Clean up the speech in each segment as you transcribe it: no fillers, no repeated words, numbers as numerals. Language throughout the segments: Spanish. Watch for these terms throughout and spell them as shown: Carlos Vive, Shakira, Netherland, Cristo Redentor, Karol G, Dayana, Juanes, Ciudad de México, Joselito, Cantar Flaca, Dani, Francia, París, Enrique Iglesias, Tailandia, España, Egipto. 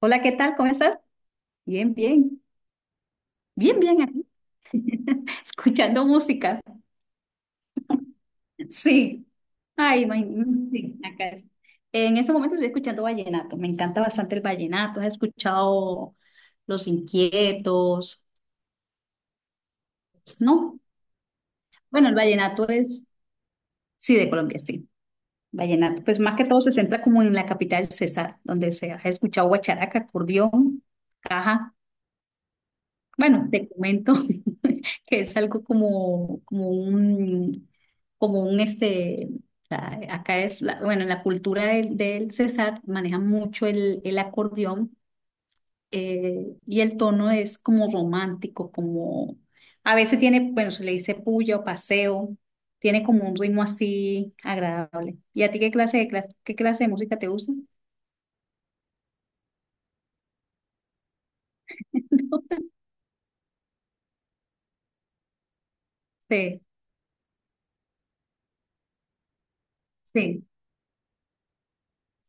Hola, ¿qué tal? ¿Cómo estás? Bien, bien, bien, bien, aquí, escuchando música. Sí, ay, sí, acá es. En ese momento estoy escuchando vallenato, me encanta bastante el vallenato, he escuchado Los Inquietos, ¿no? Bueno, el vallenato es, sí, de Colombia, sí, vallenato, pues más que todo se centra como en la capital César, donde se ha escuchado guacharaca, acordeón, caja, bueno, te comento. que es algo como, como un este, o sea, bueno, en la cultura del César manejan mucho el acordeón, y el tono es como romántico, como a veces tiene, bueno, se le dice puya o paseo, tiene como un ritmo así agradable. ¿Y a ti qué clase qué clase de música te gusta? Sí, sí,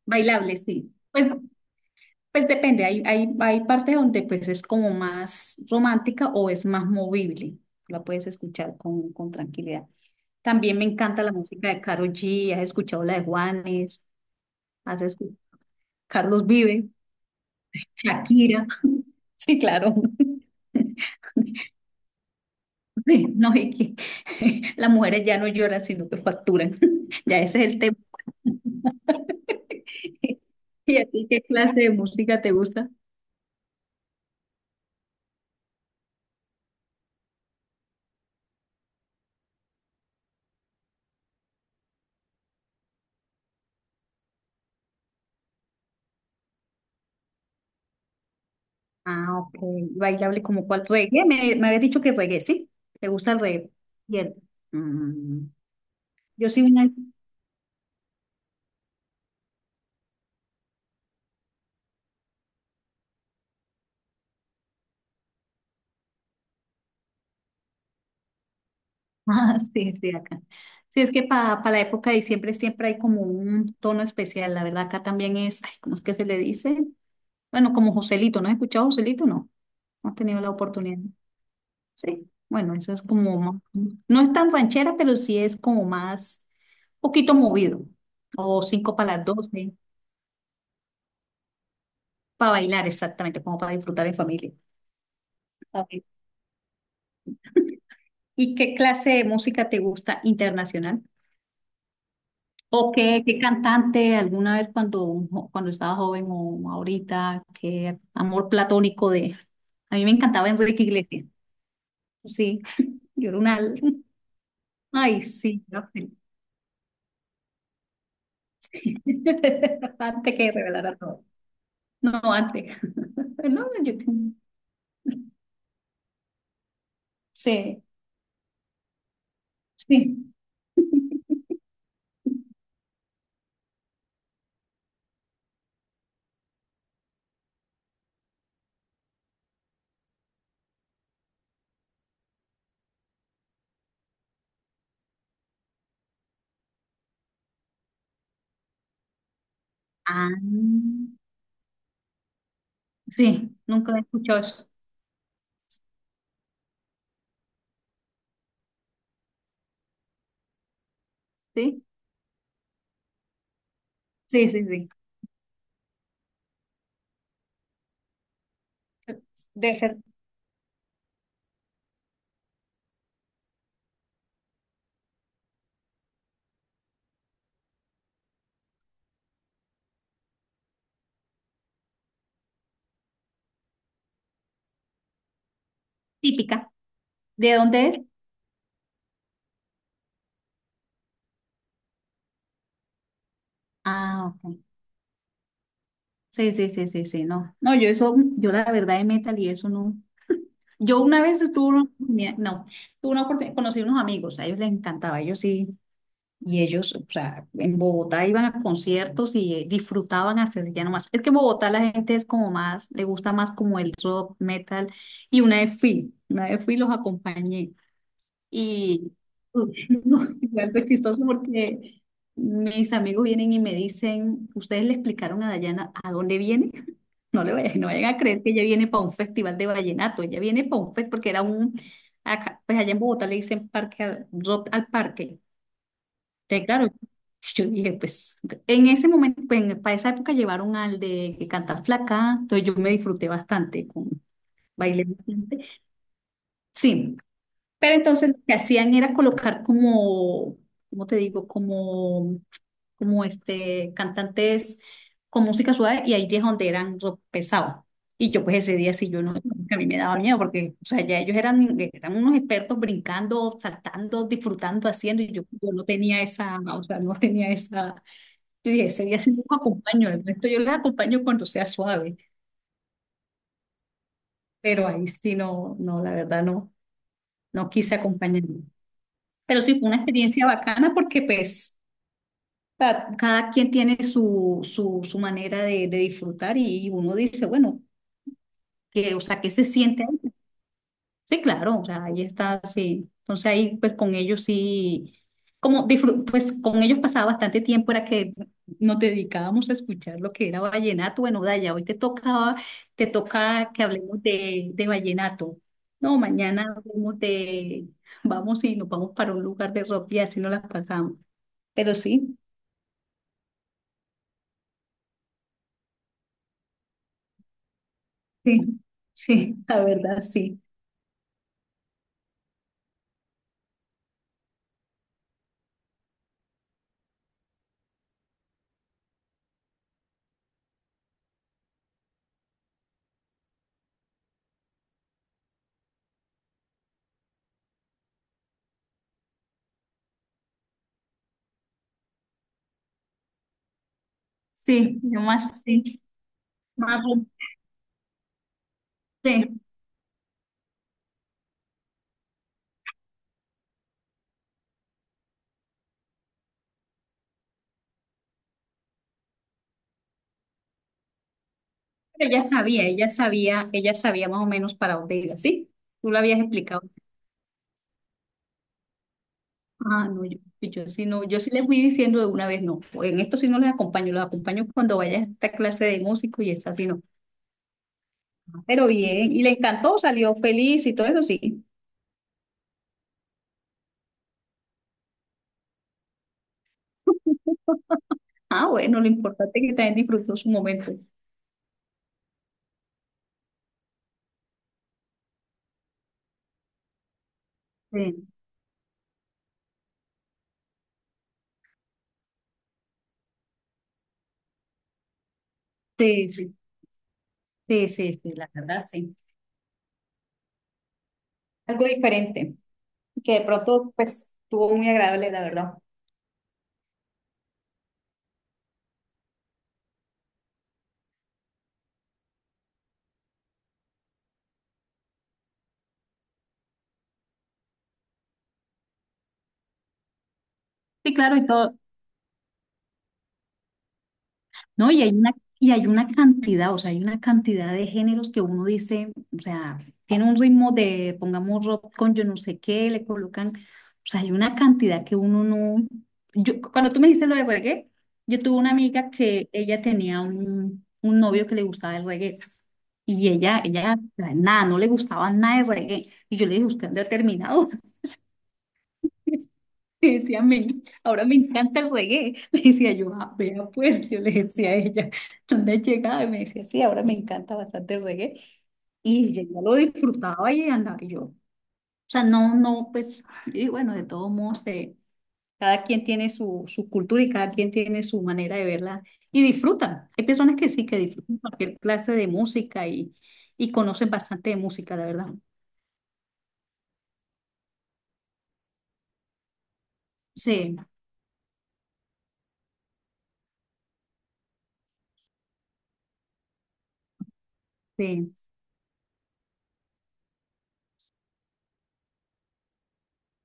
bailable, sí. Pues depende, hay partes donde pues es como más romántica o es más movible, la puedes escuchar con tranquilidad. También me encanta la música de Karol G, ¿has escuchado la de Juanes, has escuchado Carlos Vive, Shakira? Sí, claro. No, es que las mujeres ya no lloran, sino que facturan. Ya ese es el tema. ¿Y a ti qué clase de música te gusta? Ah, ok. Bailable como cuál reggae. Me habías dicho que reggae, ¿sí? ¿Te gusta el reggae? Bien. Mm, Yo soy una... Ah, sí, sí, acá. Sí, es que para la época de diciembre siempre hay como un tono especial. La verdad, acá también es, ay, ¿cómo es que se le dice? Bueno, como Joselito. ¿No has escuchado Joselito? No. No has tenido la oportunidad. Sí. Bueno, eso es como... más... No es tan ranchera, pero sí es como más, poquito movido. O cinco para las doce. Para bailar, exactamente, como para disfrutar en familia. ¿Y qué clase de música te gusta internacional? ¿O qué, qué cantante alguna vez cuando, cuando estaba joven o ahorita? ¿Qué amor platónico de... A mí me encantaba Enrique Iglesias. Sí, yo era una... Ay, sí, era feliz. Antes que revelara todo. No, antes. No, yo tengo... Sí, sí. Ah, sí, nunca he escuchado eso. Sí, sí, sí, sí. Debe ser típica. ¿De dónde es? Ah, ok. Sí, sí, sí, sí, sí, no. No, yo eso, yo la verdad de metal y eso no. Yo una vez tuve una oportunidad, no, tuve una oportunidad, conocí unos amigos, a ellos les encantaba, ellos sí, y ellos, o sea, en Bogotá iban a conciertos y disfrutaban hacer ya nomás. Es que en Bogotá la gente es como más, le gusta más como el rock, metal, y una vez fui y los acompañé. Y no, y algo chistoso porque mis amigos vienen y me dicen, ¿ustedes le explicaron a Dayana a dónde viene? No le vayan, no vayan a creer que ella viene para un festival de vallenato, ella viene para un festival porque era un, acá, pues allá en Bogotá le dicen parque al, rock al parque. Entonces, claro, yo dije, pues en ese momento, pues, en- para esa época llevaron al de Cantar Flaca, entonces yo me disfruté bastante, con, bailé bastante. Sí, pero entonces lo que hacían era colocar como, ¿cómo te digo? Como, como este, cantantes con música suave y ahí es donde eran rock pesado. Y yo pues ese día sí yo no, a mí me daba miedo porque, o sea, ya ellos eran, eran unos expertos brincando, saltando, disfrutando, haciendo y yo no tenía esa, o sea, no tenía esa, yo dije, ese día sí no los acompaño, el resto yo les acompaño cuando sea suave, pero ahí sí no, no, la verdad no, no quise acompañar. Pero sí fue una experiencia bacana porque pues cada quien tiene su manera de disfrutar y uno dice, bueno, que, o sea, ¿qué se siente ahí? Sí, claro, o sea, ahí está, sí. Entonces ahí pues con ellos sí, pues con ellos pasaba bastante tiempo, era que nos dedicábamos a escuchar lo que era vallenato. Bueno, Daya, hoy te tocaba, te toca que hablemos de vallenato. No, mañana hablemos de, vamos y nos vamos para un lugar de rock y así nos las pasamos. Pero sí. Sí, sí, la verdad, sí. Sí, nomás sí, más apunté. Pero ella sabía, ella sabía, ella sabía más o menos para dónde iba, ¿sí? Tú lo habías explicado. Ah, no, yo sí no, yo sí les fui diciendo de una vez, no, en esto sí no les acompaño, los acompaño cuando vaya a esta clase de músico y esa sí no. Pero bien, y le encantó, salió feliz y todo eso sí. Ah, bueno, lo importante es que también disfrutó su momento. Sí, sí, sí, sí, sí, sí, la verdad, sí. Algo diferente. Que de pronto pues estuvo muy agradable, la verdad. Sí, claro, y todo. No, y hay una cantidad, o sea, hay una cantidad de géneros que uno dice, o sea, tiene un ritmo de, pongamos rock con yo no sé qué, le colocan, o sea, hay una cantidad que uno no. Yo, cuando tú me dices lo de reggae, yo tuve una amiga que ella tenía un novio que le gustaba el reggae, y ella, nada, no le gustaba nada de reggae, y yo le dije, usted es determinado. Le decía, me, ahora me encanta el reggae. Le decía yo, ah, vea pues, yo le decía a ella, ¿dónde has llegado? Y me decía, sí, ahora me encanta bastante el reggae. Y ella ya lo disfrutaba y andaba y yo. O sea, no, no, pues, y bueno, de todos modos, cada quien tiene su, su cultura y cada quien tiene su manera de verla y disfrutan. Hay personas que sí, que disfrutan cualquier clase de música y conocen bastante de música, la verdad. Sí, sí.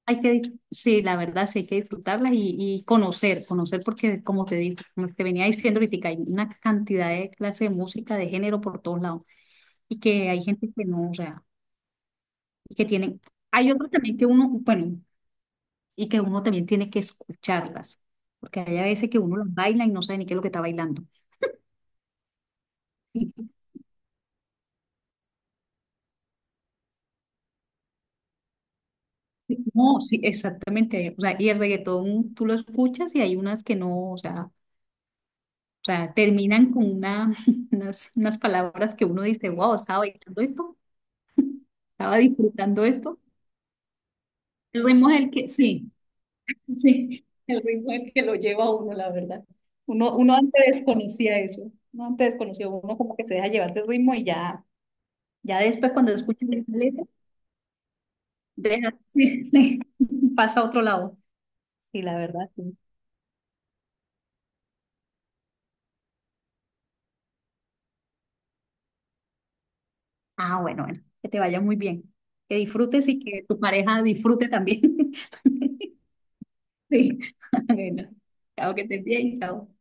Hay que, sí, la verdad, sí, hay que disfrutarlas y conocer, conocer porque, como te digo, como te venía diciendo ahorita, hay una cantidad de clases de música, de género por todos lados y que hay gente que no, o sea, y que tienen, hay otros también que uno, bueno, y que uno también tiene que escucharlas, porque hay a veces que uno las baila y no sabe ni qué es lo que está bailando. Y- y- No, sí, exactamente, o sea, y el reggaetón tú lo escuchas y hay unas que no, o sea, terminan con una, unas, unas palabras que uno dice, wow, estaba bailando esto. Estaba disfrutando esto. El ritmo es el que, sí, sí, el ritmo es el que lo lleva a uno, la verdad. Uno, uno antes desconocía eso, uno antes desconocía, uno como que se deja llevar del ritmo y ya, ya después cuando escucha la letra, deja, sí, sí, pasa a otro lado. Sí, la verdad, sí. Ah, bueno, bueno, que te vaya muy bien, que disfrutes y que tu pareja disfrute también. Sí, bueno, chao, que estés bien, chao.